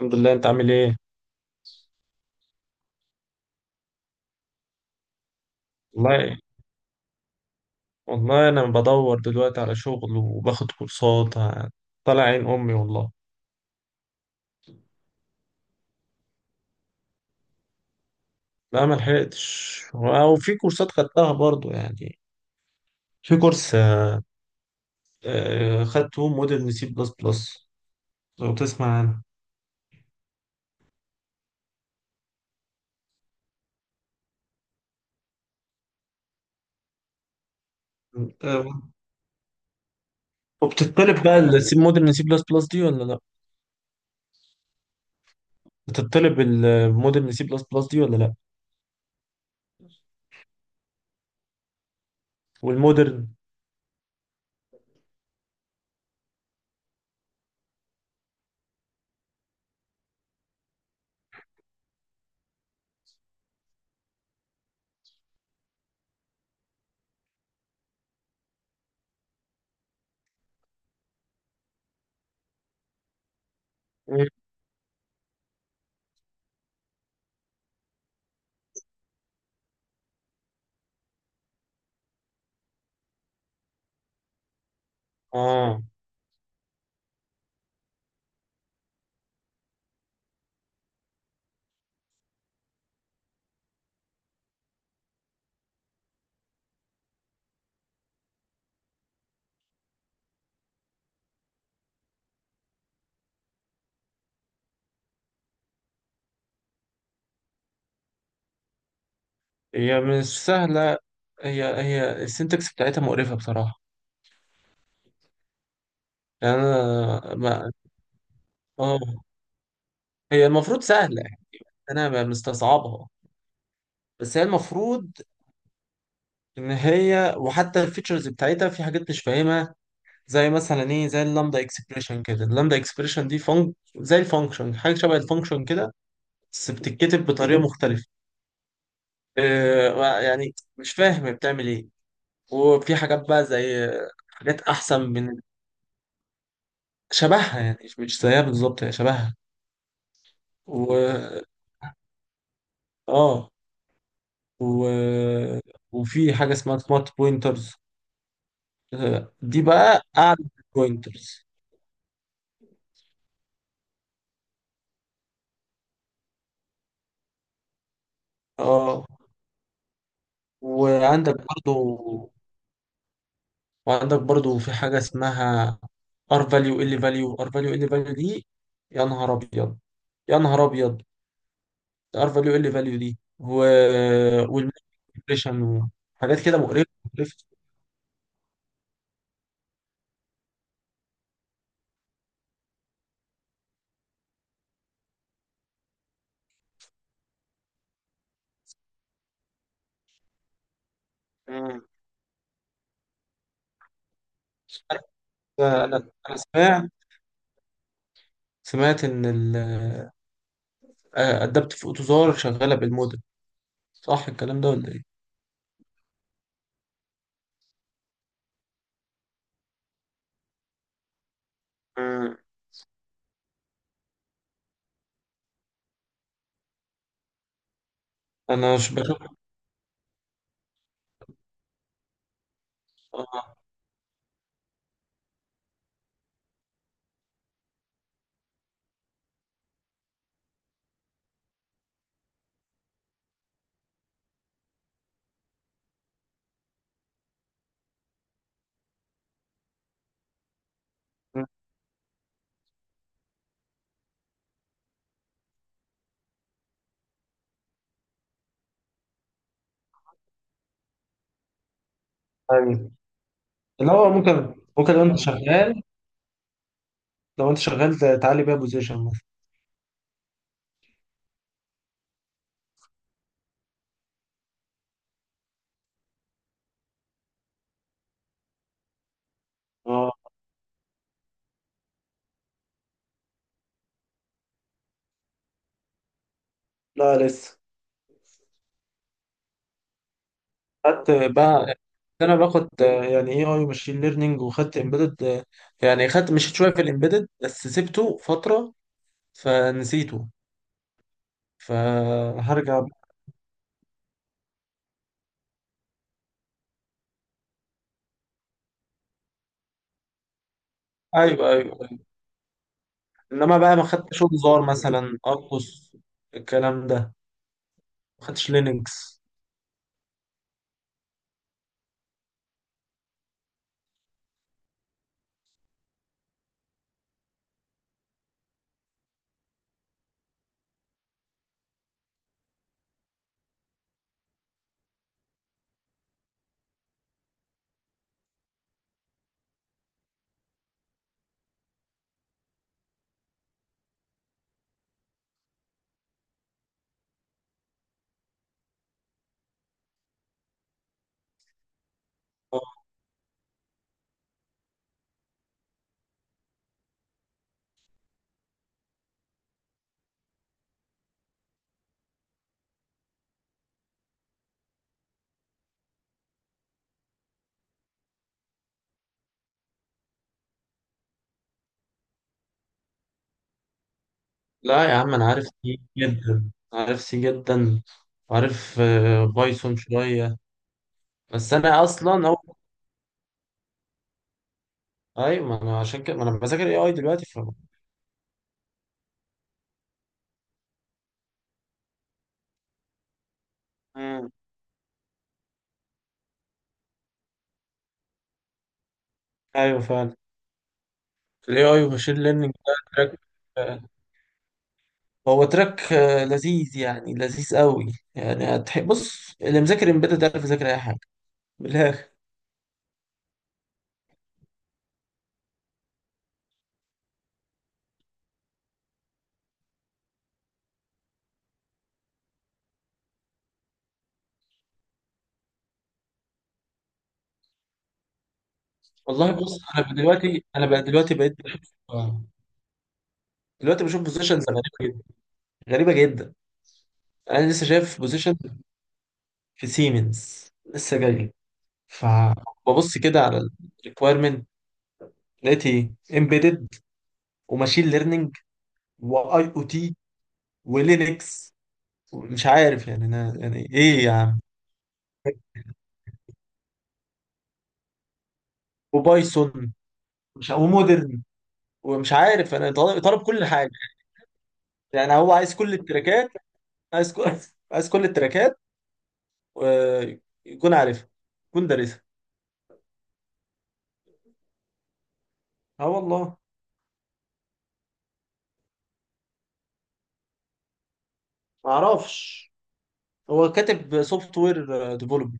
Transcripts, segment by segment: الحمد لله، انت عامل ايه؟ والله، والله انا بدور دلوقتي على شغل وباخد كورسات طالع عين امي والله. لا، ما لحقتش، او في كورسات خدتها برضو يعني. في كورس خدته مودرن سي بلس بلس، لو تسمع عنه آه، وبتطلب بقى المودرن سي بلس بلس دي ولا لا؟ بتطلب المودرن سي بلس بلس دي ولا لا؟ والمودرن. مم. اه، هي مش سهلة. هي السنتكس بتاعتها مقرفة بصراحة. يعني أنا ما اه، هي المفروض سهلة يعني، انا مستصعبها. بس هي المفروض ان هي، وحتى الفيتشرز بتاعتها في حاجات مش فاهمها، زي مثلا ايه، زي اللامدا اكسبريشن كده، اللامدا اكسبريشن دي زي الفانكشن، حاجة شبه الفانكشن كده، بس بتتكتب بطريقة مختلفة. يعني مش فاهم بتعمل ايه. وفي حاجات بقى زي، حاجات احسن من، شبهها يعني، مش زيها بالظبط، هي شبهها و، اه، و... وفي حاجة اسمها سمارت بوينترز، دي بقى قاعدة البوينترز. اه. وعندك برضو وعندك برضو في حاجة اسمها، ار فاليو ال فاليو، ار فاليو ال فاليو دي. يا نهار ابيض، يا نهار ابيض! ار فاليو ال فاليو دي والمانيبيوليشن وحاجات كده، مقرفة مقرفة. مم. فانا سمعت، ان ال آه، ادبت في اوتوزار شغالة بالموديل، صح الكلام ده ولا ايه؟ مم. انا مش بشوف. آه. مم. أيوة. اللي هو ممكن لو انت شغال تعلي بيها بوزيشن مثلا. اه، لا، لسه. خدت بقى، انا باخد يعني اي اي ماشين ليرنينج، وخدت امبيدد. يعني مشيت شويه في الامبيدد بس سبته فتره، فنسيته، فهرجع. ايوه، ايوه، أيوة. انما بقى ما خدتش انذار مثلا، ارقص الكلام ده. ما خدتش لينكس. لا يا عم، انا عارف سي جدا، عارف سي جدا، وعارف بايثون شويه. بس انا اصلا ايوه، ما انا عشان كده، ما انا بذاكر اي اي دلوقتي مم. ايوه فعلا. الاي اي وماشين ليرنينج ده تراك. هو تراك لذيذ، يعني لذيذ قوي. يعني بص، اللي مذاكر امبيدد ده عارف يذاكر اي حاجه، من الاخر. والله، بص، انا بقى دلوقتي بقيت بشوف دلوقتي بشوف بوزيشنز غريبه جدا، غريبه جدا. انا لسه شايف بوزيشن في سيمنز لسه جاي، فببص كده على الريكويرمنت، لقيت ايه، امبيدد وماشين ليرنينج واي او تي ولينكس. مش عارف يعني، انا يعني ايه يا عم؟ وبايثون، مش، ومودرن، ومش عارف، انا، طالب طالب كل حاجه. يعني هو عايز كل التراكات، عايز كل عايز كل التراكات. آه، يكون عارفها، يكون دارسها. اه والله. ما اعرفش، هو كاتب سوفت وير ديفلوبر.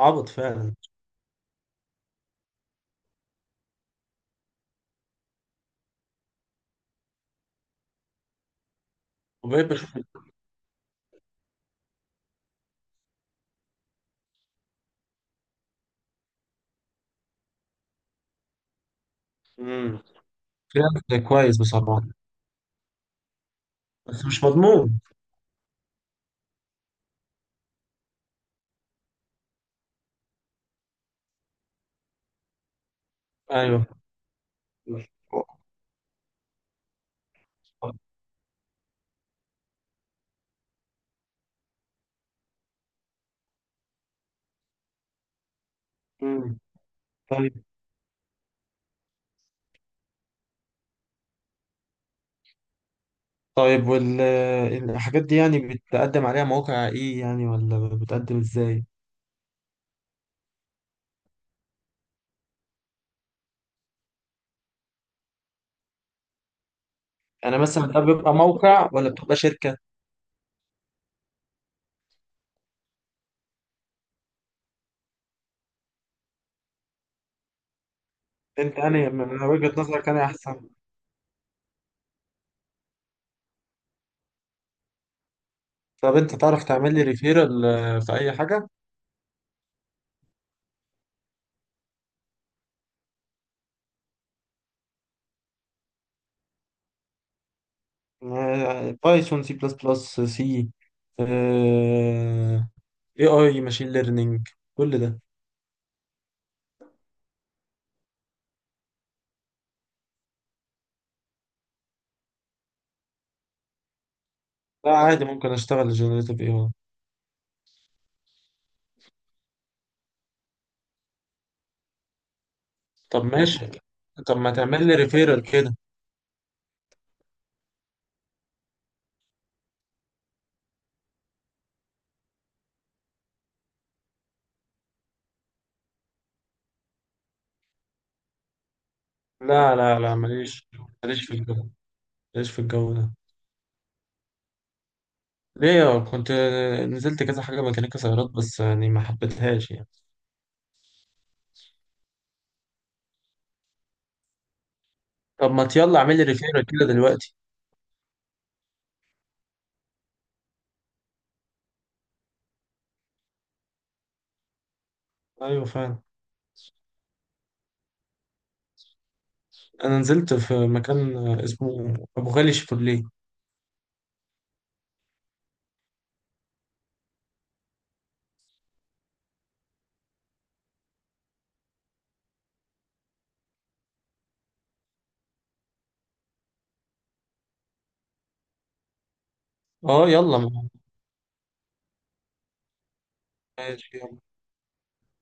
عبط فعلا. وبقيت بشوف. امم. ده كويس بصراحه. بس مش مضمون. ايوه. مم. طيب. طيب، والحاجات دي يعني بتقدم عليها موقع ايه يعني، ولا بتقدم ازاي؟ يعني مثلا ده بيبقى موقع ولا بتبقى شركة؟ انت يعني، من وجهة نظرك انا احسن؟ طب انت تعرف تعمل لي ريفيرال في اي حاجة؟ بايثون، سي بلس بلس، سي، اي اي، ماشين ليرنينج، كل ده. لا، عادي، ممكن اشتغل جنريتيف اي اي. طب ماشي. طب ما تعمل لي ريفيرال كده. لا، لا، لا، ماليش. ماليش في الجو، ماليش في الجو ده. ليه كنت نزلت كذا حاجة ميكانيكا سيارات، بس يعني ما حبيتهاش يعني. طب ما يلا، اعمل لي ريفير كده دلوقتي. ايوه فعلا. انا نزلت في مكان اسمه ابو غالي شيفروليه. اه يلا ما. ماشي.